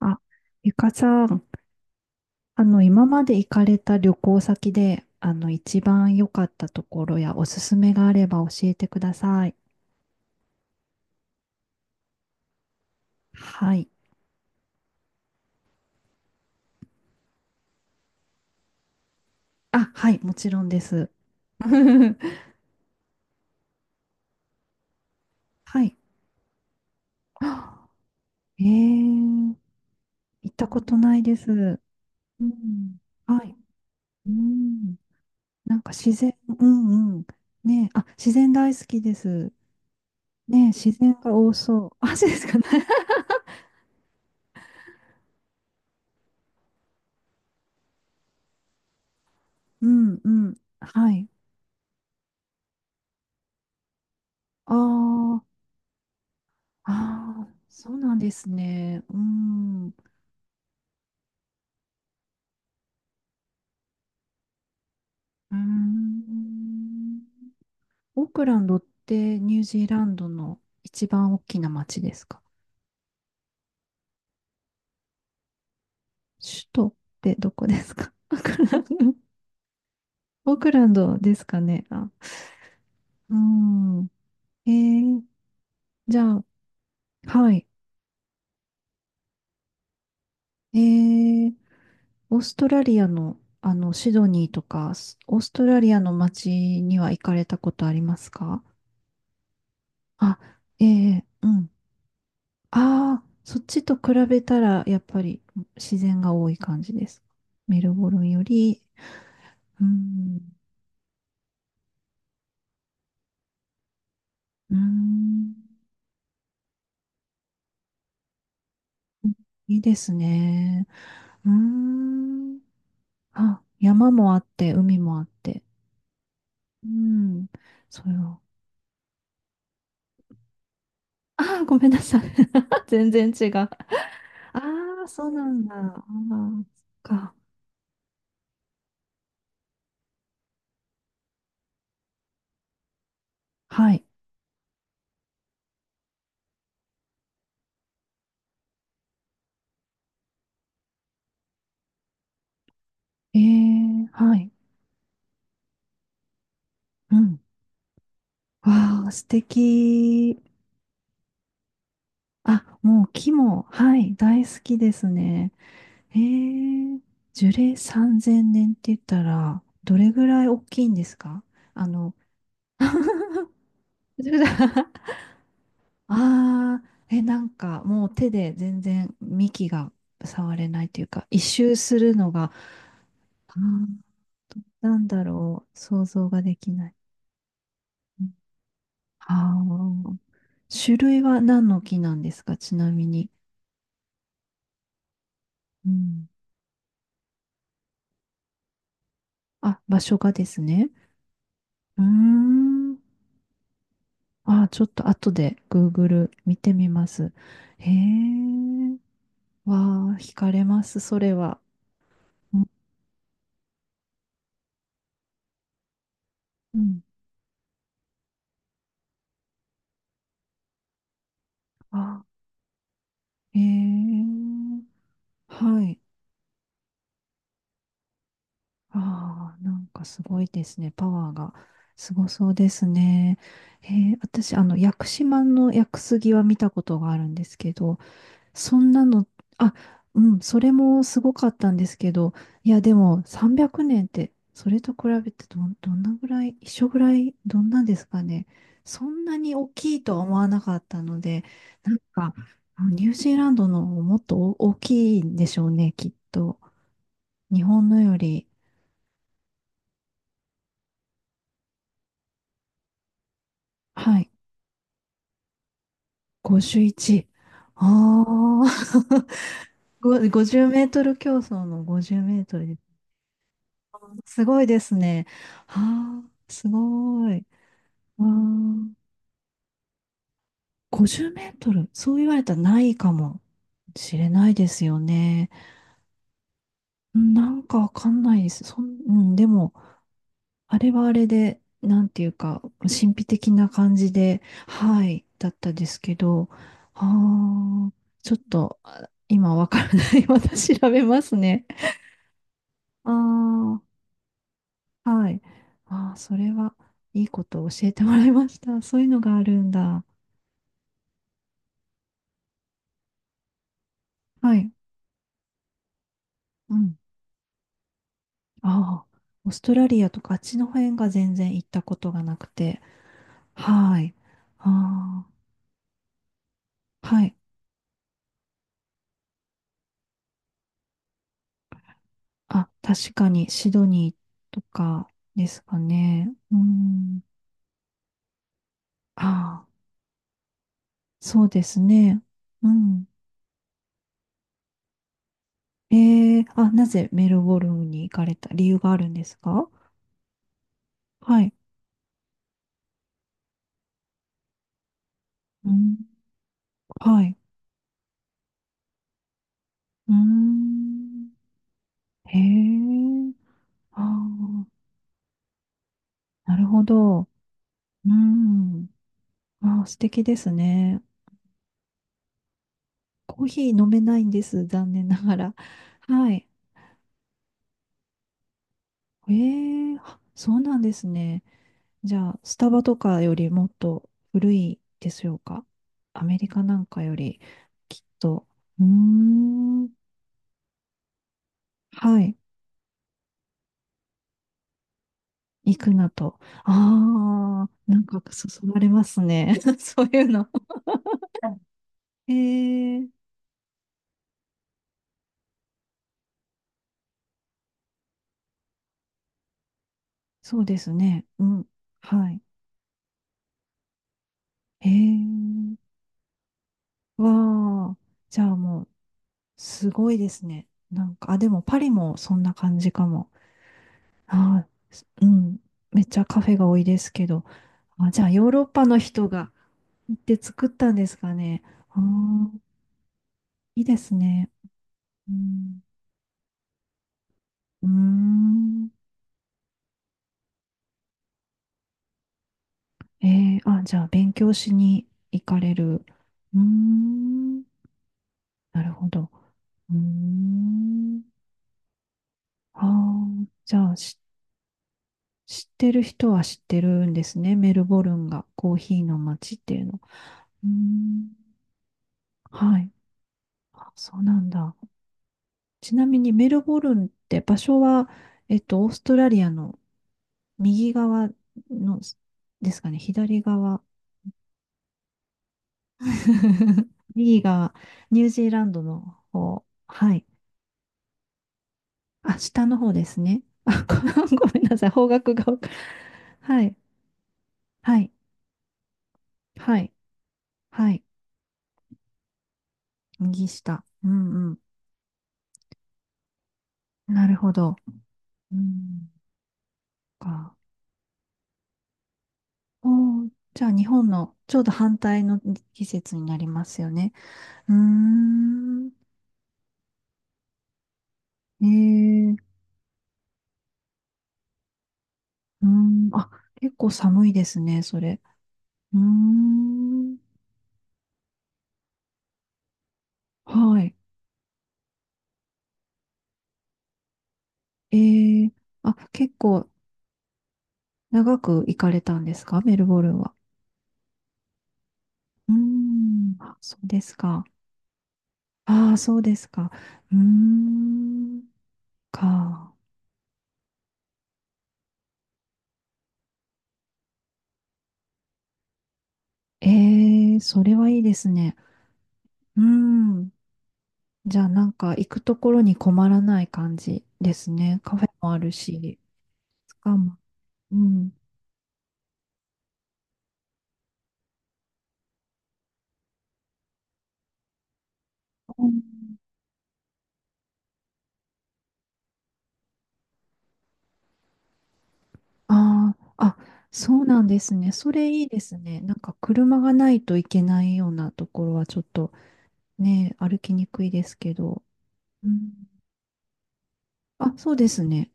あ、ゆかさん、今まで行かれた旅行先で、一番良かったところやおすすめがあれば教えてください。はい。あ、はい、もちろんです。はい。えー、行ったことないです。うん。はい。うん。なんか自然、うんうん。ねえ、あ、自然大好きです。ねえ、自然が多そう。あ、そうですかね。うんうん。はい。ああ、ああ、そうなんですね。うん。うーん。オークランドってニュージーランドの一番大きな町ですか？首都ってどこですか？オークランド、オークランドですかね。あ、うん。えー、じゃあ、はい。えー、オーストラリアの、シドニーとか、スオーストラリアの町には行かれたことありますか？あ、えー、うん。ああ、そっちと比べたら、やっぱり自然が多い感じです。メルボルンより、うーん、うーん、いいですね。うーん、あ、山もあって、海もあって。うん、そうよ。ああ、ごめんなさい。全然違う。ああ、そうなんだ。ああ、そっか。はい。ええ、はい。うん。わあ、素敵。あ、もう木も、はい、大好きですね。へえ、樹齢3000年って言ったら、どれぐらい大きいんですか？あの、ああ、え、なんかもう手で全然幹が触れないというか、一周するのが、あー、なんだろう、想像ができない。ああ、種類は何の木なんですか、ちなみに。うん。あ、場所がですね。うーん。ああ、ちょっと後で Google 見てみます。へえ、わあ、惹かれます、それは。うんうん。あ、へえ、はい。ああ、なんかすごいですね。パワーがすごそうですね。へえ、私、屋久島の屋久杉は見たことがあるんですけど、そんなの、あ、うん、それもすごかったんですけど、いや、でも300年って、それと比べてどんなぐらい、一緒ぐらい、どんなんですかね。そんなに大きいとは思わなかったので、なんか、ニュージーランドのもっと大きいんでしょうね、きっと。日本のより、はい、51。ああ、ご50メートル競争の50メートルで、すごいですね。はあ、すごい。あー、50メートル、そう言われたらないかもしれないですよね。うん、なんかわかんないです。そん、うん、でも、あれはあれで、なんていうか、神秘的な感じで、はい、だったですけど、ああ、ちょっと、あ、今わからない。また調べますね。ああ、はい。ああ、それは、いいことを教えてもらいました。そういうのがあるんだ。はい。うん、ああ、オーストラリアとかあっちの辺が全然行ったことがなくて。はい。ああ、はい。あ、確かにシドニーとかですかね。うん。ああ、そうですね。うん。ええ、あ、なぜメルボルンに行かれた理由があるんですか？はい。うん。はい。うーん。へえ。ああ、なるほど。うん。ああ、素敵ですね。コーヒー飲めないんです。残念ながら。はい。えー、あ、そうなんですね。じゃあ、スタバとかよりもっと古いでしょうか。アメリカなんかより、きっと。うーん。はい。行くなと。ああ、なんかそそられますね。そういうの。えー、そうですね。うん。はい。えー、わあ。じゃあもう。すごいですね。なんか、あ、でもパリもそんな感じかも。あー、すうん。めっちゃカフェが多いですけど。あ、じゃあヨーロッパの人が行って作ったんですかね。あー、いいですね。うん。うーん。えー、あ、じゃあ勉強しに行かれる。うーん。なるほど。うーん。ああ、じゃあ、し、知ってる人は知ってるんですね。メルボルンがコーヒーの街っていうの。うーん、はい。あ、そうなんだ。ちなみにメルボルンって場所は、オーストラリアの右側のですかね、左側。右側、ニュージーランドの方。はい。あ、下の方ですね。あ、ご ごめんなさい。方角がわか、はい。はい。はい。はい。右下。うんうん。なるほど。うん。か。おー、じゃあ日本のちょうど反対の季節になりますよね。うーん。ええ、うーん。あ、結構寒いですね、それ。うーん。はい。ええ、あ、結構長く行かれたんですか、メルボルンは。うーん。あ、そうですか。ああ、そうですか。うーん。か。ええ、それはいいですね。うーん。じゃあ、なんか行くところに困らない感じですね。カフェもあるし。しかも、うん。ああ、あ、そうなんですね。それいいですね。なんか車がないといけないようなところはちょっとね、歩きにくいですけど。うん、あ、そうですね。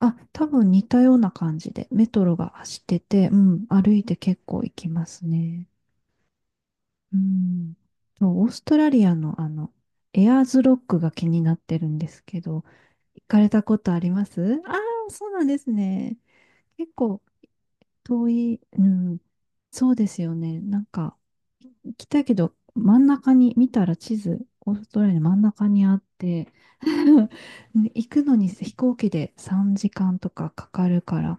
あ、多分似たような感じで、メトロが走ってて、うん、歩いて結構行きますね。うん。そうオーストラリアのエアーズロックが気になってるんですけど、行かれたことありますあ、あー、そうなんですね。結構遠い、うん、そうですよね。なんか、来たけど、真ん中に、見たら地図、オーストラリアの真ん中にあって、行くのに飛行機で3時間とかかかるから、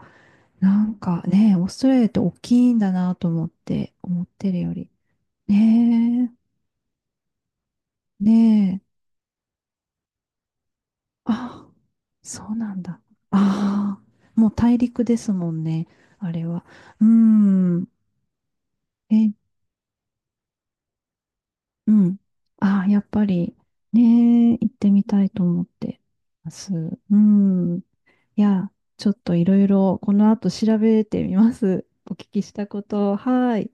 なんかね、オーストラリアって大きいんだなと思って、思ってるより。ねえ、ねえ、あ、そうなんだ。ああ、もう大陸ですもんね、あれは。うーん、え、うん。ああ、やっぱり、ねえ、行ってみたいと思ってます。うん。いや、ちょっといろいろ、この後調べてみます。お聞きしたこと。はい。